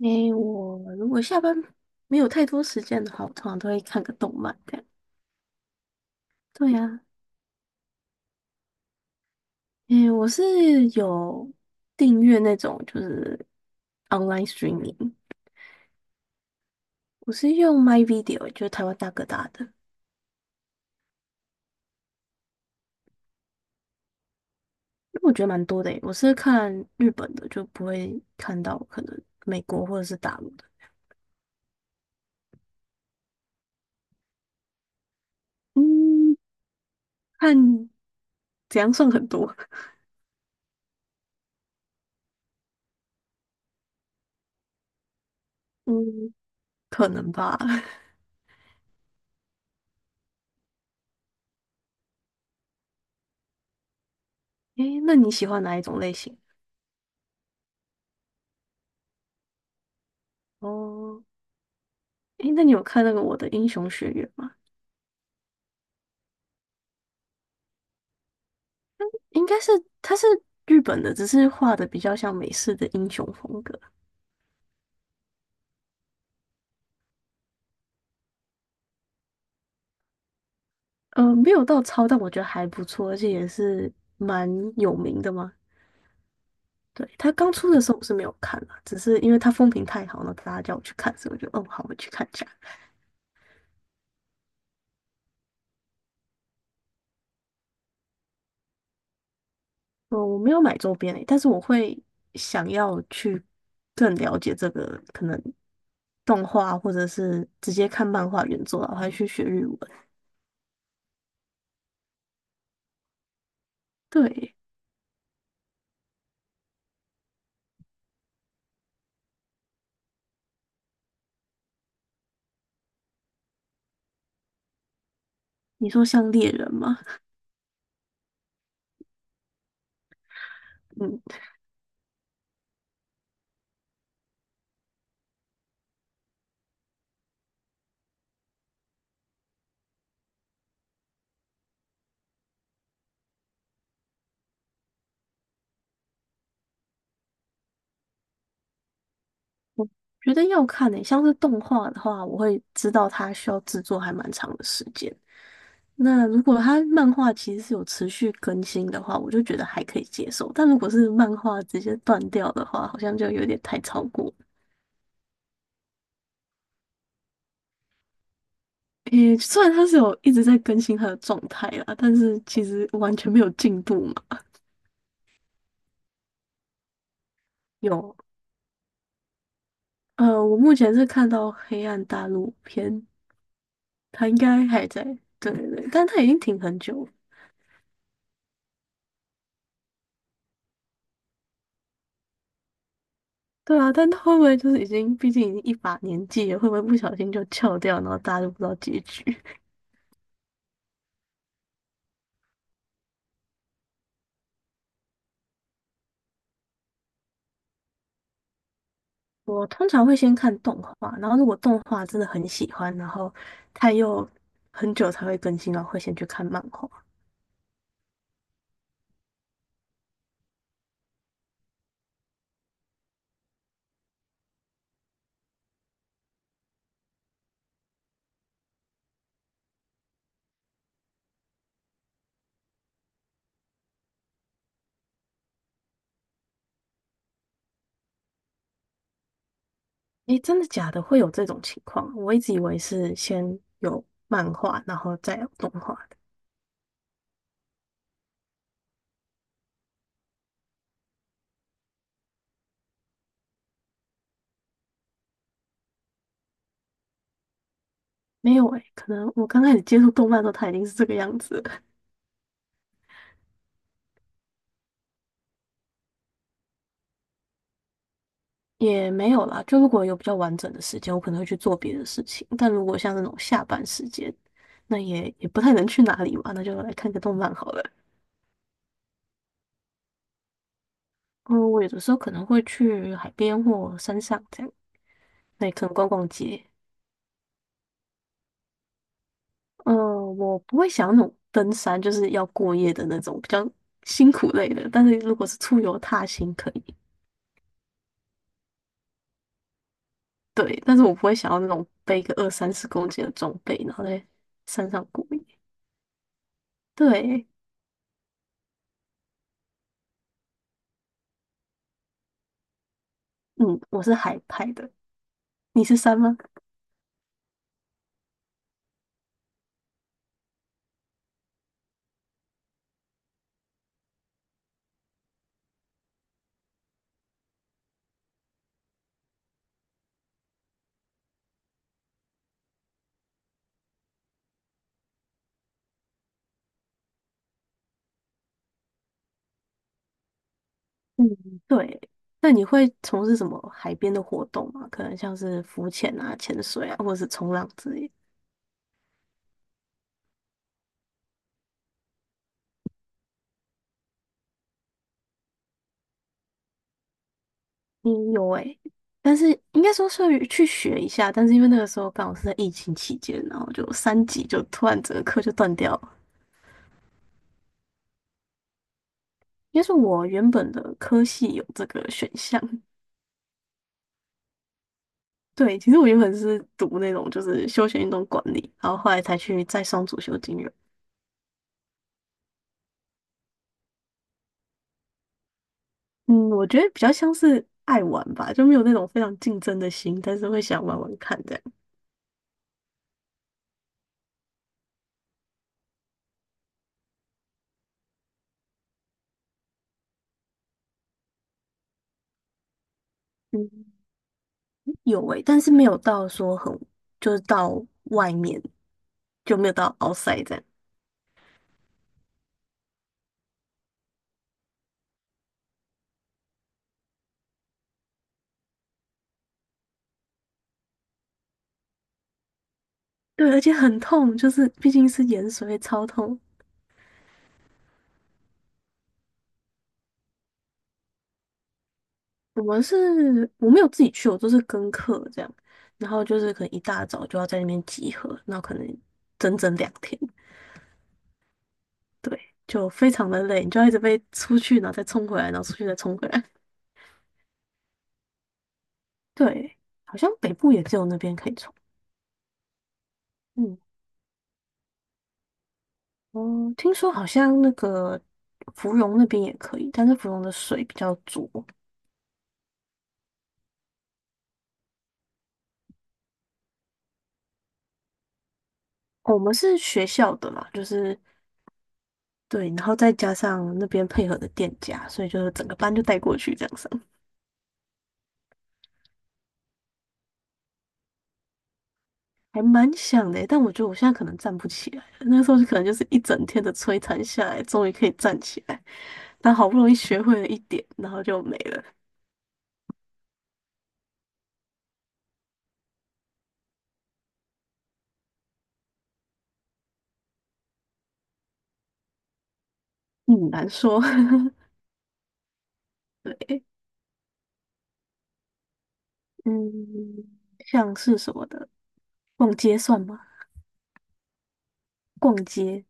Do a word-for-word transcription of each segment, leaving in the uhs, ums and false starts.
诶，我如果下班没有太多时间的话，我通常都会看个动漫这样。对呀，诶，我是有订阅那种就是 online streaming，我是用 My Video，就是台湾大哥大的，因为我觉得蛮多的诶。我是看日本的，就不会看到可能美国或者是大陆的。嗯，看怎样算很多？嗯，可能吧。诶，那你喜欢哪一种类型？哦，诶，那你有看那个《我的英雄学院》吗？应该是它是日本的，只是画的比较像美式的英雄风格。呃，没有到超，但我觉得还不错，而且也是蛮有名的嘛。对，它刚出的时候我是没有看啦，只是因为它风评太好了，大家叫我去看，所以我就嗯，好，我去看一下。呃，我没有买周边诶，但是我会想要去更了解这个可能动画，或者是直接看漫画原作啊，我还去学日文。对，你说像猎人吗？嗯。觉得要看诶、像是动画的话，我会知道它需要制作还蛮长的时间。那如果它漫画其实是有持续更新的话，我就觉得还可以接受。但如果是漫画直接断掉的话，好像就有点太超过。诶、虽然它是有一直在更新它的状态啦，但是其实完全没有进步嘛。有，呃，我目前是看到《黑暗大陆》篇，它应该还在。对对对，但它已经停很久了。对啊，但他会不会就是已经，毕竟已经一把年纪了，会不会不小心就翘掉，然后大家就不知道结局？我通常会先看动画，然后如果动画真的很喜欢，然后它又很久才会更新，然后会先去看漫画。诶，真的假的？会有这种情况？我一直以为是先有漫画，然后再有动画的，没有诶，可能我刚开始接触动漫的时候，它已经是这个样子了也没有啦，就如果有比较完整的时间，我可能会去做别的事情。但如果像那种下班时间，那也也不太能去哪里嘛，那就来看个动漫好了。嗯，我有的时候可能会去海边或山上这样，那也可能逛逛街。嗯，我不会想要那种登山，就是要过夜的那种比较辛苦类的。但是如果是出游踏行可以，对，但是我不会想要那种背个二三十公斤的装备，然后在山上过夜。对，嗯，我是海派的。你是山吗？嗯，对。那你会从事什么海边的活动吗？可能像是浮潜啊、潜水啊，或者是冲浪之类的。嗯，有诶、但是应该说是去学一下，但是因为那个时候刚好是在疫情期间，然后就三级就突然整个课就断掉了。应该是我原本的科系有这个选项，对，其实我原本是读那种就是休闲运动管理，然后后来才去再上主修金融。嗯，我觉得比较像是爱玩吧，就没有那种非常竞争的心，但是会想玩玩看这样。嗯，有诶，但是没有到说很，就是到外面就没有到 outside 这样。对，而且很痛，就是毕竟是盐水，会超痛。我们是我没有自己去，我都是跟课这样，然后就是可能一大早就要在那边集合，那可能整整两天，对，就非常的累，你就要一直被出去，然后再冲回来，然后出去再冲回来。对，好像北部也只有那边可以冲。嗯，哦，听说好像那个芙蓉那边也可以，但是芙蓉的水比较浊。哦我们是学校的嘛，就是对，然后再加上那边配合的店家，所以就是整个班就带过去这样上，还蛮想的欸。但我觉得我现在可能站不起来了，那时候就可能就是一整天的摧残下来，终于可以站起来，但好不容易学会了一点，然后就没了，嗯，难说。对，嗯，像是什么的。逛街算吗？逛街，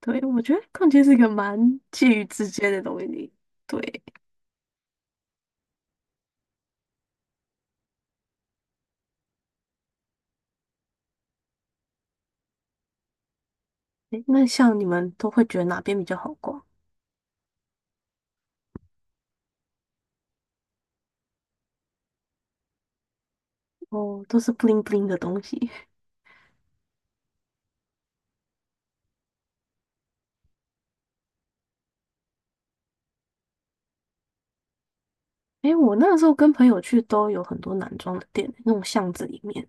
对，我觉得逛街是一个蛮介于之间的东西。对，诶那像你们都会觉得哪边比较好逛？哦，都是 b 灵 i 灵的东西。诶，我那个时候跟朋友去都有很多男装的店，那种巷子里面。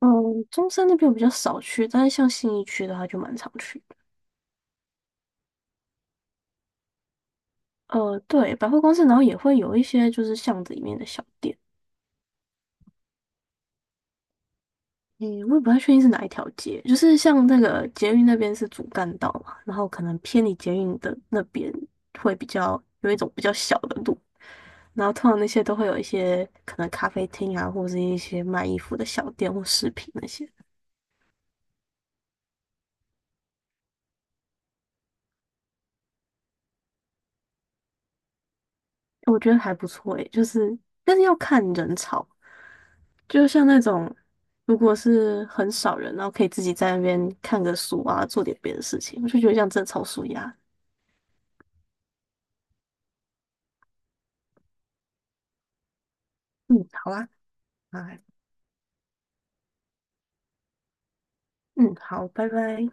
嗯，中山那边我比较少去，但是像信义区的话就蛮常去的。呃，对，百货公司，然后也会有一些就是巷子里面的小店。嗯，我也不太确定是哪一条街，就是像那个捷运那边是主干道嘛，然后可能偏离捷运的那边会比较有一种比较小的路，然后通常那些都会有一些可能咖啡厅啊，或者是一些卖衣服的小店或饰品那些，我觉得还不错诶，就是但是要看人潮，就像那种如果是很少人，然后可以自己在那边看个书啊，做点别的事情，我就觉得像正超舒压。嗯，好啊，啊，嗯，好，拜拜。